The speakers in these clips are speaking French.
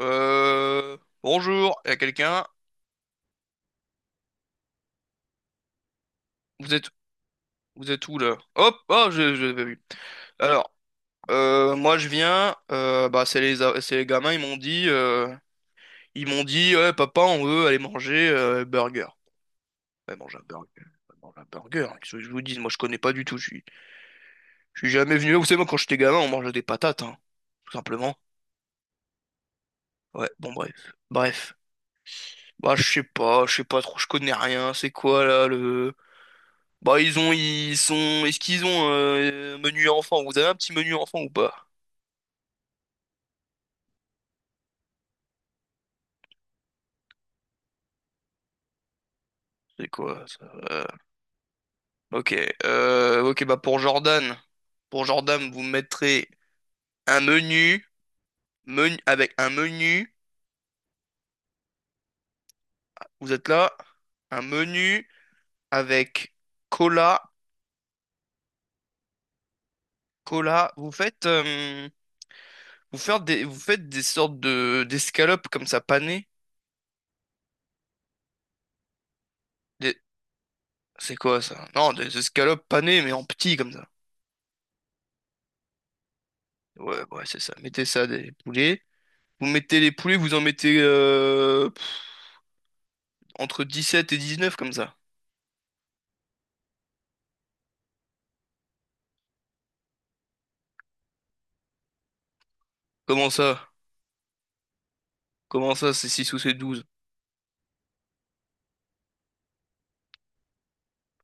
Euh, Bonjour, il y a quelqu'un. Vous êtes, vous êtes où là? Hop, oh, je l'avais vu. Alors, moi je viens. Bah, c'est les gamins. Ils m'ont dit, ouais, papa, on veut aller manger burger. Ouais, manger un burger. Ouais, manger un burger, hein. Qu'est-ce que je vous dis? Moi, je connais pas du tout. Je suis jamais venu là. Vous savez, moi, quand j'étais gamin, on mangeait des patates, hein, tout simplement. Ouais. Bon, bref. Bah, je sais pas trop. Je connais rien. C'est quoi là le Bah, ils ont ils sont est-ce qu'ils ont un menu enfant? Vous avez un petit menu enfant ou pas? C'est quoi ça? Euh, Ok, ok bah, pour Jordan vous mettrez un menu, avec un menu. Vous êtes là? Un menu avec cola, vous faites, vous faites des sortes de d'escalopes comme ça, panées. Des- c'est quoi ça? Non, des escalopes panées, mais en petit comme ça. Ouais, ouais, c'est ça, mettez ça, des poulets. Vous mettez les poulets, vous en mettez, entre 17 et neuf comme ça. Comment ça? Comment ça, c'est 6 ou c'est 12?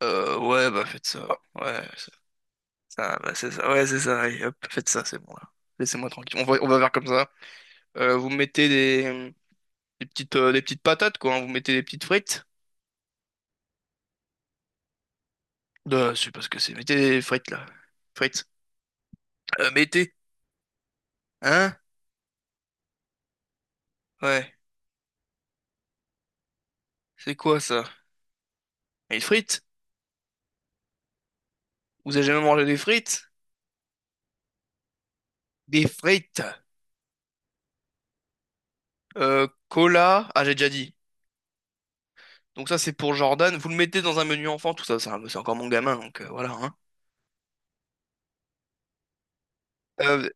Ouais, bah, faites ça. Ouais, ça, bah, c'est ça. Ouais, c'est ça. Allez, hop, faites ça, c'est bon là. Laissez-moi tranquille. On va faire comme ça. Vous mettez des petites patates, quoi, hein. Vous mettez des petites frites. Je sais pas ce que c'est. Mettez des frites là. Frites. Mettez. Hein? Ouais. C'est quoi ça? Des frites? Vous avez jamais mangé des frites? Des frites. Cola. Ah, j'ai déjà dit. Donc ça, c'est pour Jordan. Vous le mettez dans un menu enfant, tout ça, c'est encore mon gamin, donc, voilà, hein. Euh,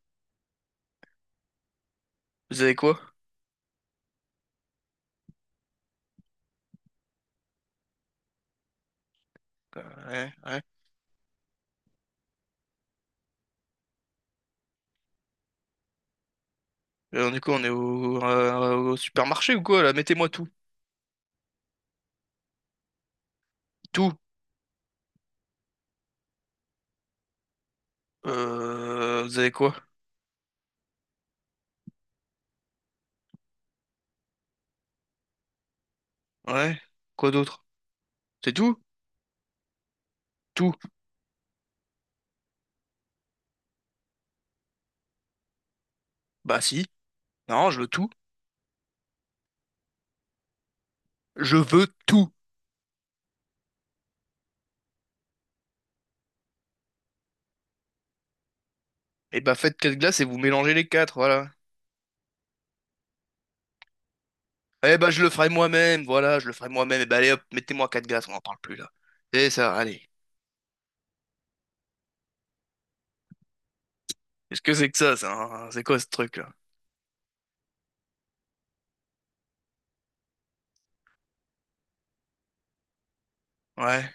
Vous avez quoi? Euh, ouais, ouais. Du coup, on est au supermarché ou quoi, là? Mettez-moi tout. Tout. Vous avez quoi? Ouais. Quoi d'autre? C'est tout? Tout. Bah si. Non, je veux tout. Je veux tout. Et bah, faites quatre glaces et vous mélangez les quatre, voilà. Eh bah, je le ferai moi-même, voilà, je le ferai moi-même. Et bah, allez hop, mettez-moi quatre glaces, on n'en parle plus là. Et ça, allez. Qu'est-ce que c'est que ça, hein? C'est quoi ce truc là? Ouais.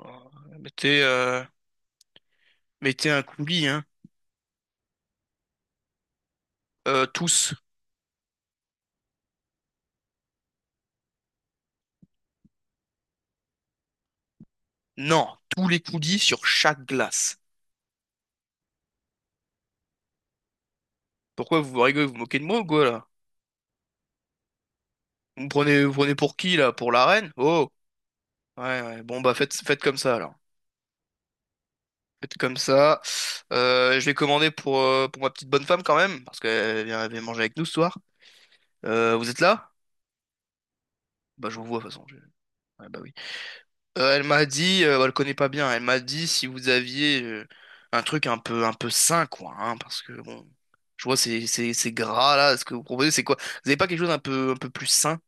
Alors, Mettez, euh, mettez un coulis, hein. Tous. Non, tous les coulis sur chaque glace. Pourquoi vous rigolez, vous vous moquez de moi ou quoi là? Vous prenez pour qui là? Pour la reine? Oh! Ouais, ouais, bon, bah, faites comme ça alors. Faites comme ça. Je vais commander pour ma petite bonne femme quand même, parce qu'elle vient manger avec nous ce soir. Vous êtes là? Bah, je vous vois de toute façon. Ouais, bah oui. Elle m'a dit, elle connaît pas bien. Elle m'a dit si vous aviez un truc un peu sain, quoi, hein, parce que bon, je vois, c'est gras là. Ce que vous proposez, c'est quoi? Vous avez pas quelque chose un peu plus sain?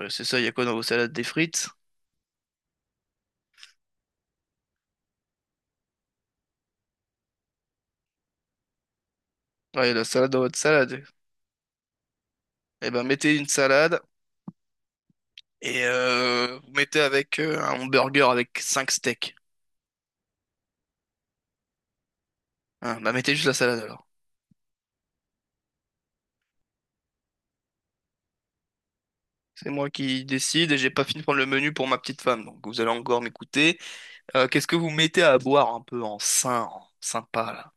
Ouais, c'est ça, il y a quoi dans vos salades? Des frites? Ouais, la salade dans votre salade. Eh ben, mettez une salade et, vous mettez avec un hamburger avec 5 steaks. Hein, bah mettez juste la salade alors. C'est moi qui décide et j'ai pas fini de prendre le menu pour ma petite femme, donc vous allez encore m'écouter. Qu'est-ce que vous mettez à boire un peu en sain, en sympa là?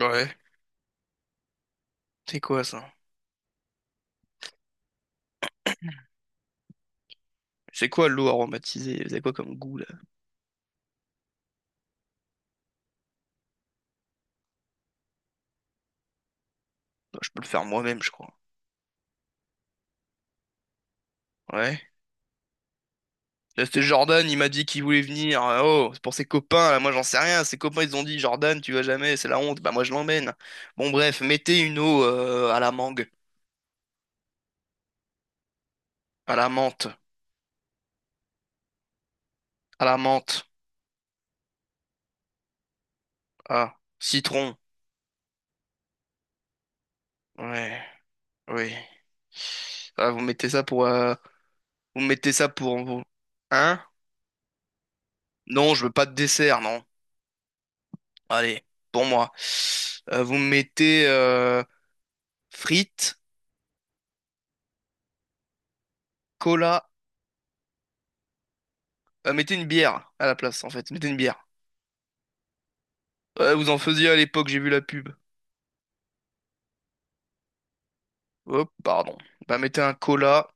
Ouais, c'est quoi ça? C'est quoi l'eau aromatisée? C'est quoi comme goût là? Non, je peux le faire moi-même, je crois. Ouais. Là, c'était Jordan, il m'a dit qu'il voulait venir. Oh, c'est pour ses copains, là, moi j'en sais rien. Ses copains, ils ont dit, Jordan, tu vas jamais, c'est la honte. Bah, moi je l'emmène. Bon, bref, mettez une eau, à la mangue, à la menthe, à la menthe, ah, citron. Ouais, oui. Ah, vous mettez ça pour, vous mettez ça pour. vous- Hein? Non, je veux pas de dessert, non. Allez, pour moi. Vous mettez, frites, cola. Mettez une bière à la place, en fait. Mettez une bière. Vous en faisiez à l'époque, j'ai vu la pub. Hop, pardon. Bah, mettez un cola,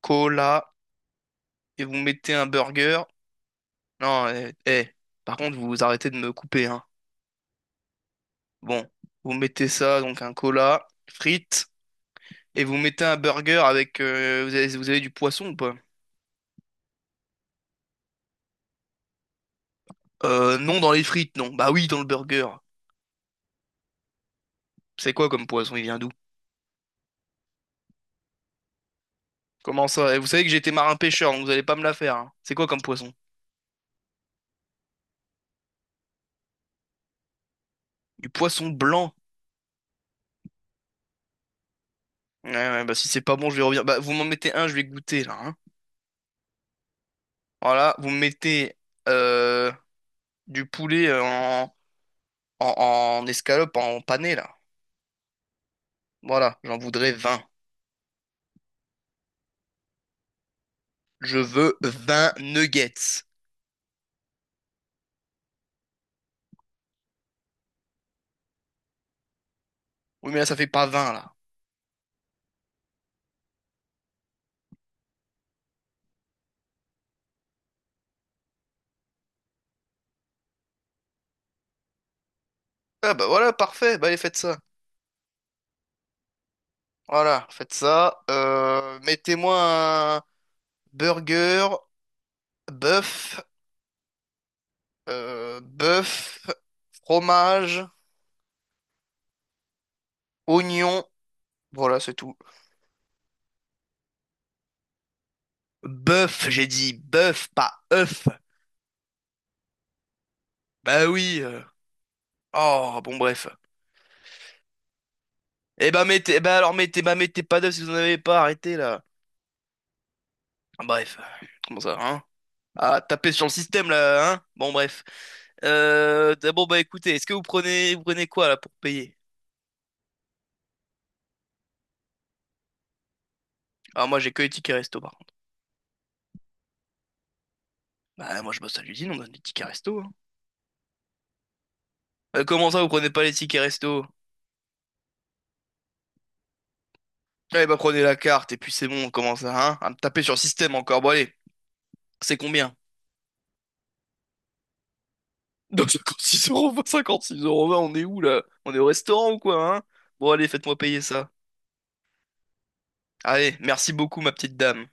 cola, et vous mettez un burger. Non, eh, eh. Par contre, vous vous arrêtez de me couper, hein. Bon, vous mettez ça, donc un cola, frites, et vous mettez un burger avec, vous avez du poisson ou pas? Non, dans les frites, non. Bah oui, dans le burger. C'est quoi comme poisson? Il vient d'où? Comment ça? Eh, vous savez que j'étais marin pêcheur, donc vous allez pas me la faire, hein. C'est quoi comme poisson? Du poisson blanc. Ouais, ouais, bah si c'est pas bon, je vais revenir. Bah, vous m'en mettez un, je vais goûter là, hein. Voilà, vous me mettez, euh, du poulet, en, en escalope, en pané là. Voilà, j'en voudrais 20. Je veux 20 nuggets. Oui, mais là, ça fait pas 20 là. Ah bah voilà, parfait, bah allez, faites ça. Voilà, faites ça. Mettez-moi un burger, bœuf, bœuf, fromage, oignon. Voilà, c'est tout. Bœuf, j'ai dit bœuf, pas œuf. Bah oui. Oh, bon, bref. Eh bah, eh bah alors, bah, mettez pas d'œufs si vous n'en avez pas, arrêtez, là. Ah, bref. Comment ça, hein? Ah, tapez sur le système, là, hein? Bon, bref. D'abord, bah, écoutez, est-ce que vous prenez quoi, là, pour payer? Ah, moi, j'ai que les tickets resto, par contre. Bah, moi, je bosse à l'usine, on donne des tickets resto, hein. Comment ça, vous prenez pas les tickets resto? Eh bah, prenez la carte, et puis c'est bon, comment ça, hein? Ah, tapez sur le système encore, bon, allez. C'est combien? Donc 56 euros, 56 euros, on est où là? On est au restaurant ou quoi, hein? Bon, allez, faites-moi payer ça. Allez, merci beaucoup, ma petite dame.